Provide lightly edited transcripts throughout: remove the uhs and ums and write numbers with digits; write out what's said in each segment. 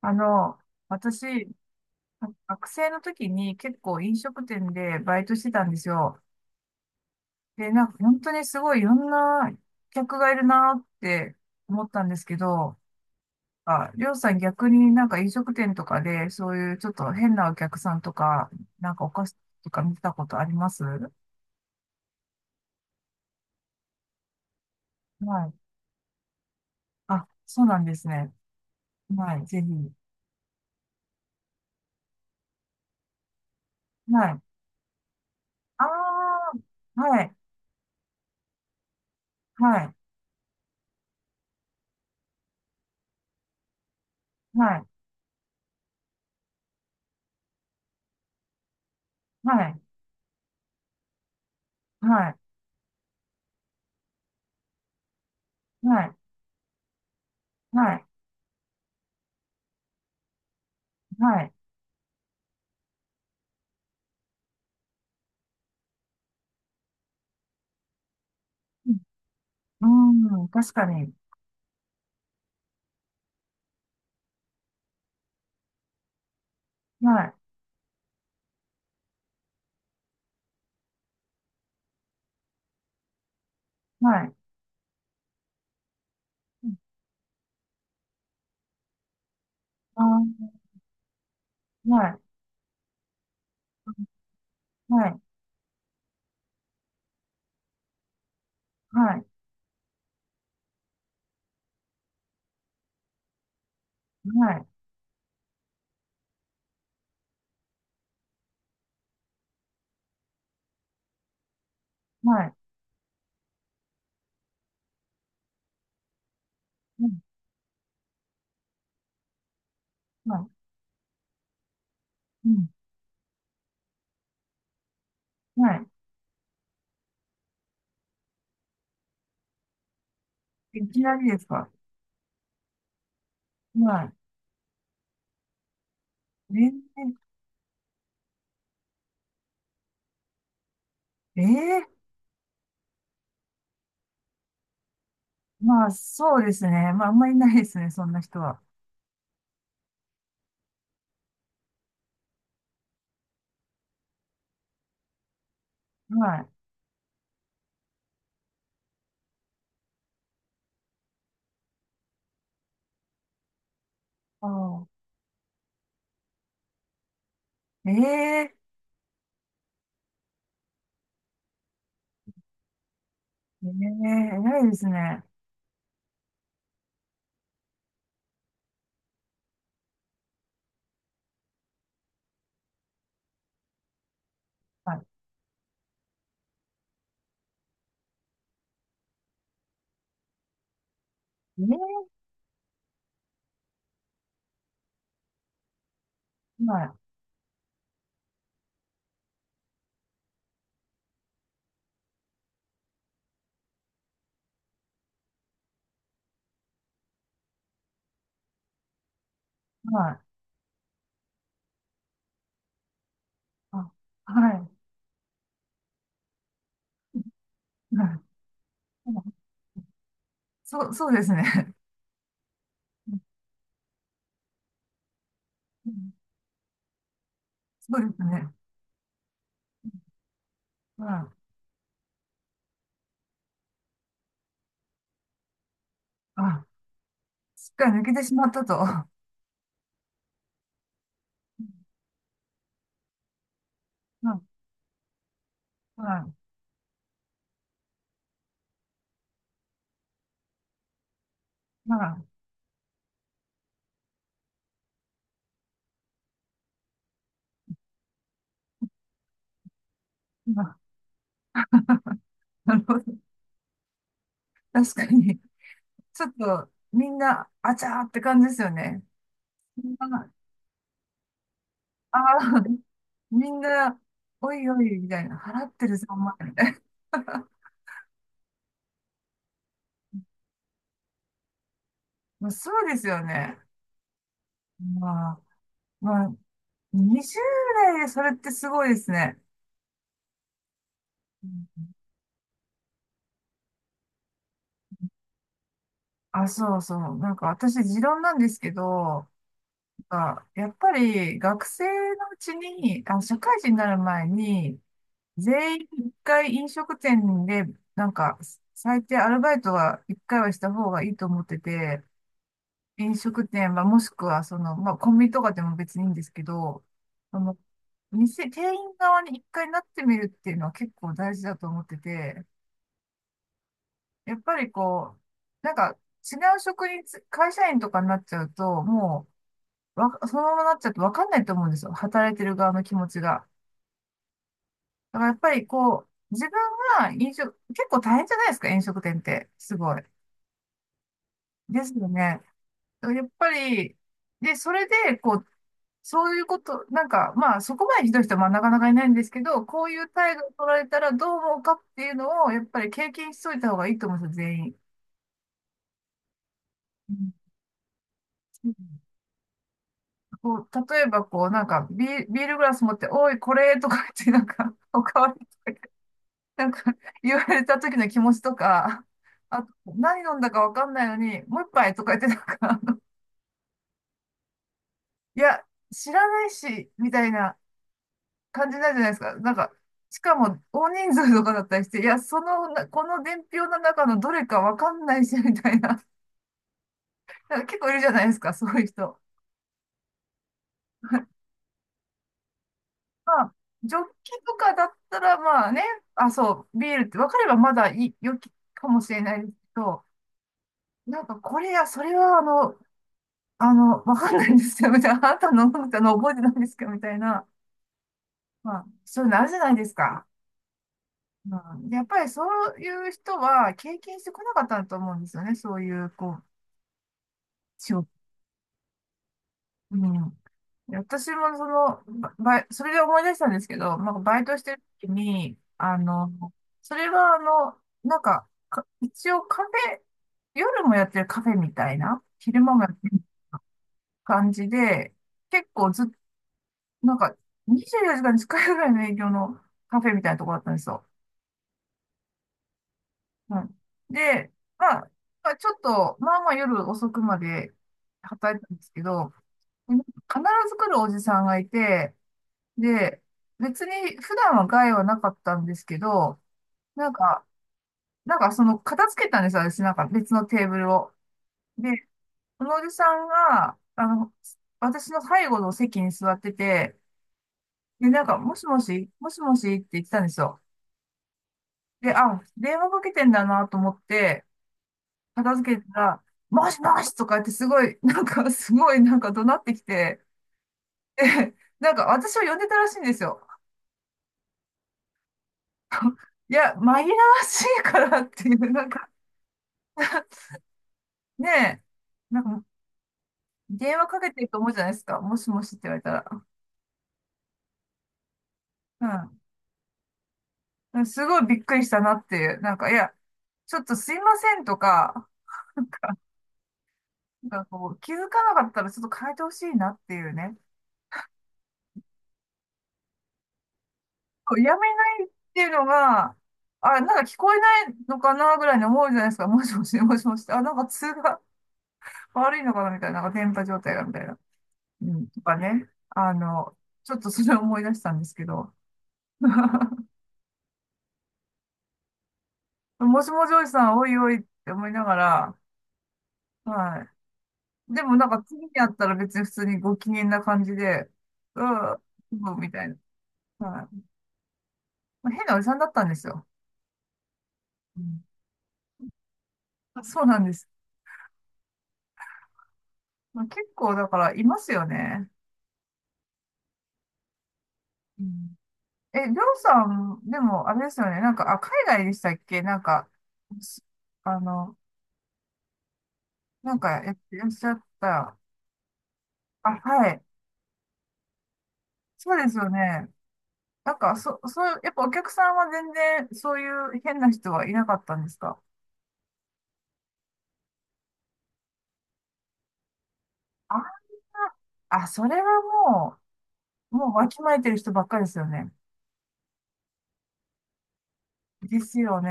あの、私、学生の時に結構飲食店でバイトしてたんですよ。で、なんか本当にすごいいろんな客がいるなって思ったんですけど、あ、りょうさん逆になんか飲食店とかでそういうちょっと変なお客さんとか、なんかお菓子とか見たことあります。はい。あ、そうなんですね。はい、ぜひ。はい。ああ、はい、はい、はい、はい、はい、はい、はい、はい。はい。うん、確かに。はい、はい。うん。あー、はい、はい、はい、はい、はい、うん、はい、うん、はい。いきなりですか？はい。ー、えまあ、そうですね。まあ、あんまりいないですね、そんな人は。はい。あー、ええー、ないですね。はい。ええー、はい、はい、あ、はい、はい。そう、そうですね。うん。そうですね。はい。あ、すっかり抜けてしまったと。はい、はい、はい。はい。なるほど。確かに、ちょっと、みんな、あちゃーって感じですよね。ああー、みんな、おいおい、みたいな、払ってるぞ、お前、みたいな。まあ、そうですよね。まあ、まあ、20代でそれってすごいですね。うん。あ、そうそう。なんか私、持論なんですけど、あ、やっぱり学生のうちに、あ、社会人になる前に、全員一回飲食店で、なんか、最低アルバイトは一回はした方がいいと思ってて、飲食店はもしくは、その、まあ、コンビニとかでも別にいいんですけど、その、店員側に一回なってみるっていうのは結構大事だと思ってて、やっぱりこう、なんか、違う職につ、会社員とかになっちゃうと、もう、そのままなっちゃうとわかんないと思うんですよ。働いてる側の気持ちが。だからやっぱりこう、自分が飲食、結構大変じゃないですか、飲食店って。すごい。ですよね。だからやっぱり、で、それで、こう、そういうこと、なんか、まあ、そこまでひどい人はまあなかなかいないんですけど、こういう態度を取られたらどう思うかっていうのを、やっぱり経験しといた方がいいと思うんですよ、全員。うん。こう、例えば、こう、なんかビールグラス持って、おい、これとか言って、なんか、おかわりとかなんか 言われた時の気持ちとか、あと、何飲んだかわかんないのに、もう一杯とか言ってなんか、いや、知らないし、みたいな感じなんじゃないですか。なんか、しかも大人数とかだったりして、いや、そのな、この伝票の中のどれかわかんないし、みたいな。なんか結構いるじゃないですか、そういう人。まあ、ジョッキとかだったら、まあね、あ、そう、ビールって分かればまだいい、良きかもしれないですけど、なんかこれや、それはあの、わかんないんですよ。みたいな。あなたの飲んだの覚えてないんですかみたいな。まあ、そういうのあるじゃないですか。うん、で、やっぱりそういう人は経験してこなかったんと思うんですよね。そういう、こう、仕事。うん。で私もその、ばバイ、それで思い出したんですけど、まあ、バイトしてる時に、あの、それはあの、なんか、一応カフェ、夜もやってるカフェみたいな、昼間もやってる感じで、結構ずっなんか、24時間に使えるぐらいの営業のカフェみたいなとこだったんですよ。うん。で、まあ、まあ、ちょっと、まあまあ夜遅くまで働いてたんですけど、必ず来るおじさんがいて、で、別に普段は害はなかったんですけど、なんか、なんかその片付けたんですよ、私なんか別のテーブルを。で、そのおじさんが、私の背後の席に座ってて、で、なんか、もしもし、もしもしって言ってたんですよ。で、あ、電話かけてんだなと思って、片付けたら、もしもしとか言ってすごい、なんかすごいなんか怒鳴ってきて、で、なんか私を呼んでたらしいんですよ。いや、紛らわしいからっていう、なんか、ねえ、なんか電話かけてると思うじゃないですか。もしもしって言われたら。うん。すごいびっくりしたなっていう、なんか、いや、ちょっとすいませんとか、なんかこう、気づかなかったらちょっと変えてほしいなっていうね。そうやめないっていうのが、あ、なんか聞こえないのかなぐらいに思うじゃないですか。もしもし、もしもし。あ、なんか通が悪いのかなみたいな、なんか電波状態がみたいな。うん、とかね。ちょっとそれを思い出したんですけど。もしもジョイさん、おいおいって思いながら、はい。でもなんか次に会ったら別に普通にご機嫌な感じで、うん、うん、みたいな。はい。まあ変なおじさんだったんですよ。うん、そうなんです。まあ、結構だからいますよね。うん。え、りょうさん、でも、あれですよね。なんか、あ、海外でしたっけ？なんか、すあの、なんか、やってらっしゃった。あ、はい。そうですよね。なんか、そう、やっぱお客さんは全然、そういう変な人はいなかったんですか？ああ、それはももうわきまえてる人ばっかりですよね。ですよね。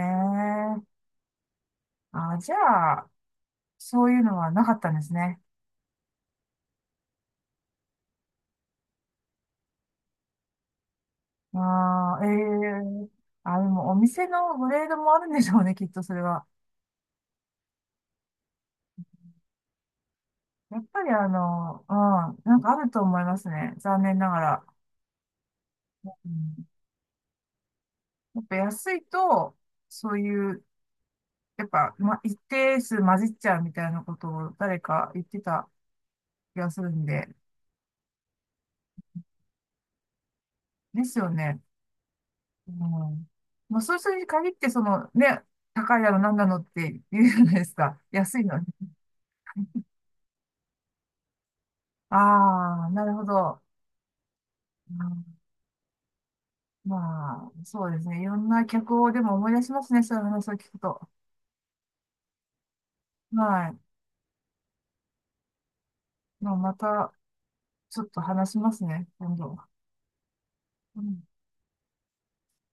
あ、じゃあ、そういうのはなかったんですね。ああ、ええ。あ、でもお店のグレードもあるんでしょうね、きっとそれは。やっぱりうん、なんかあると思いますね。残念ながら。うん、やっぱ安いと、そういう、やっぱ、ま、一定数混じっちゃうみたいなことを誰か言ってた気がするんで、ですよね。うん。まあ、そういう人に限って、その、ね、高いだの、なんだのって言うじゃないですか。安いのに。ああ、なるほど。うん。まあ、そうですね。いろんな客をでも思い出しますね。そういう話を聞くと。はい。まあ、また、ちょっと話しますね、今度。うん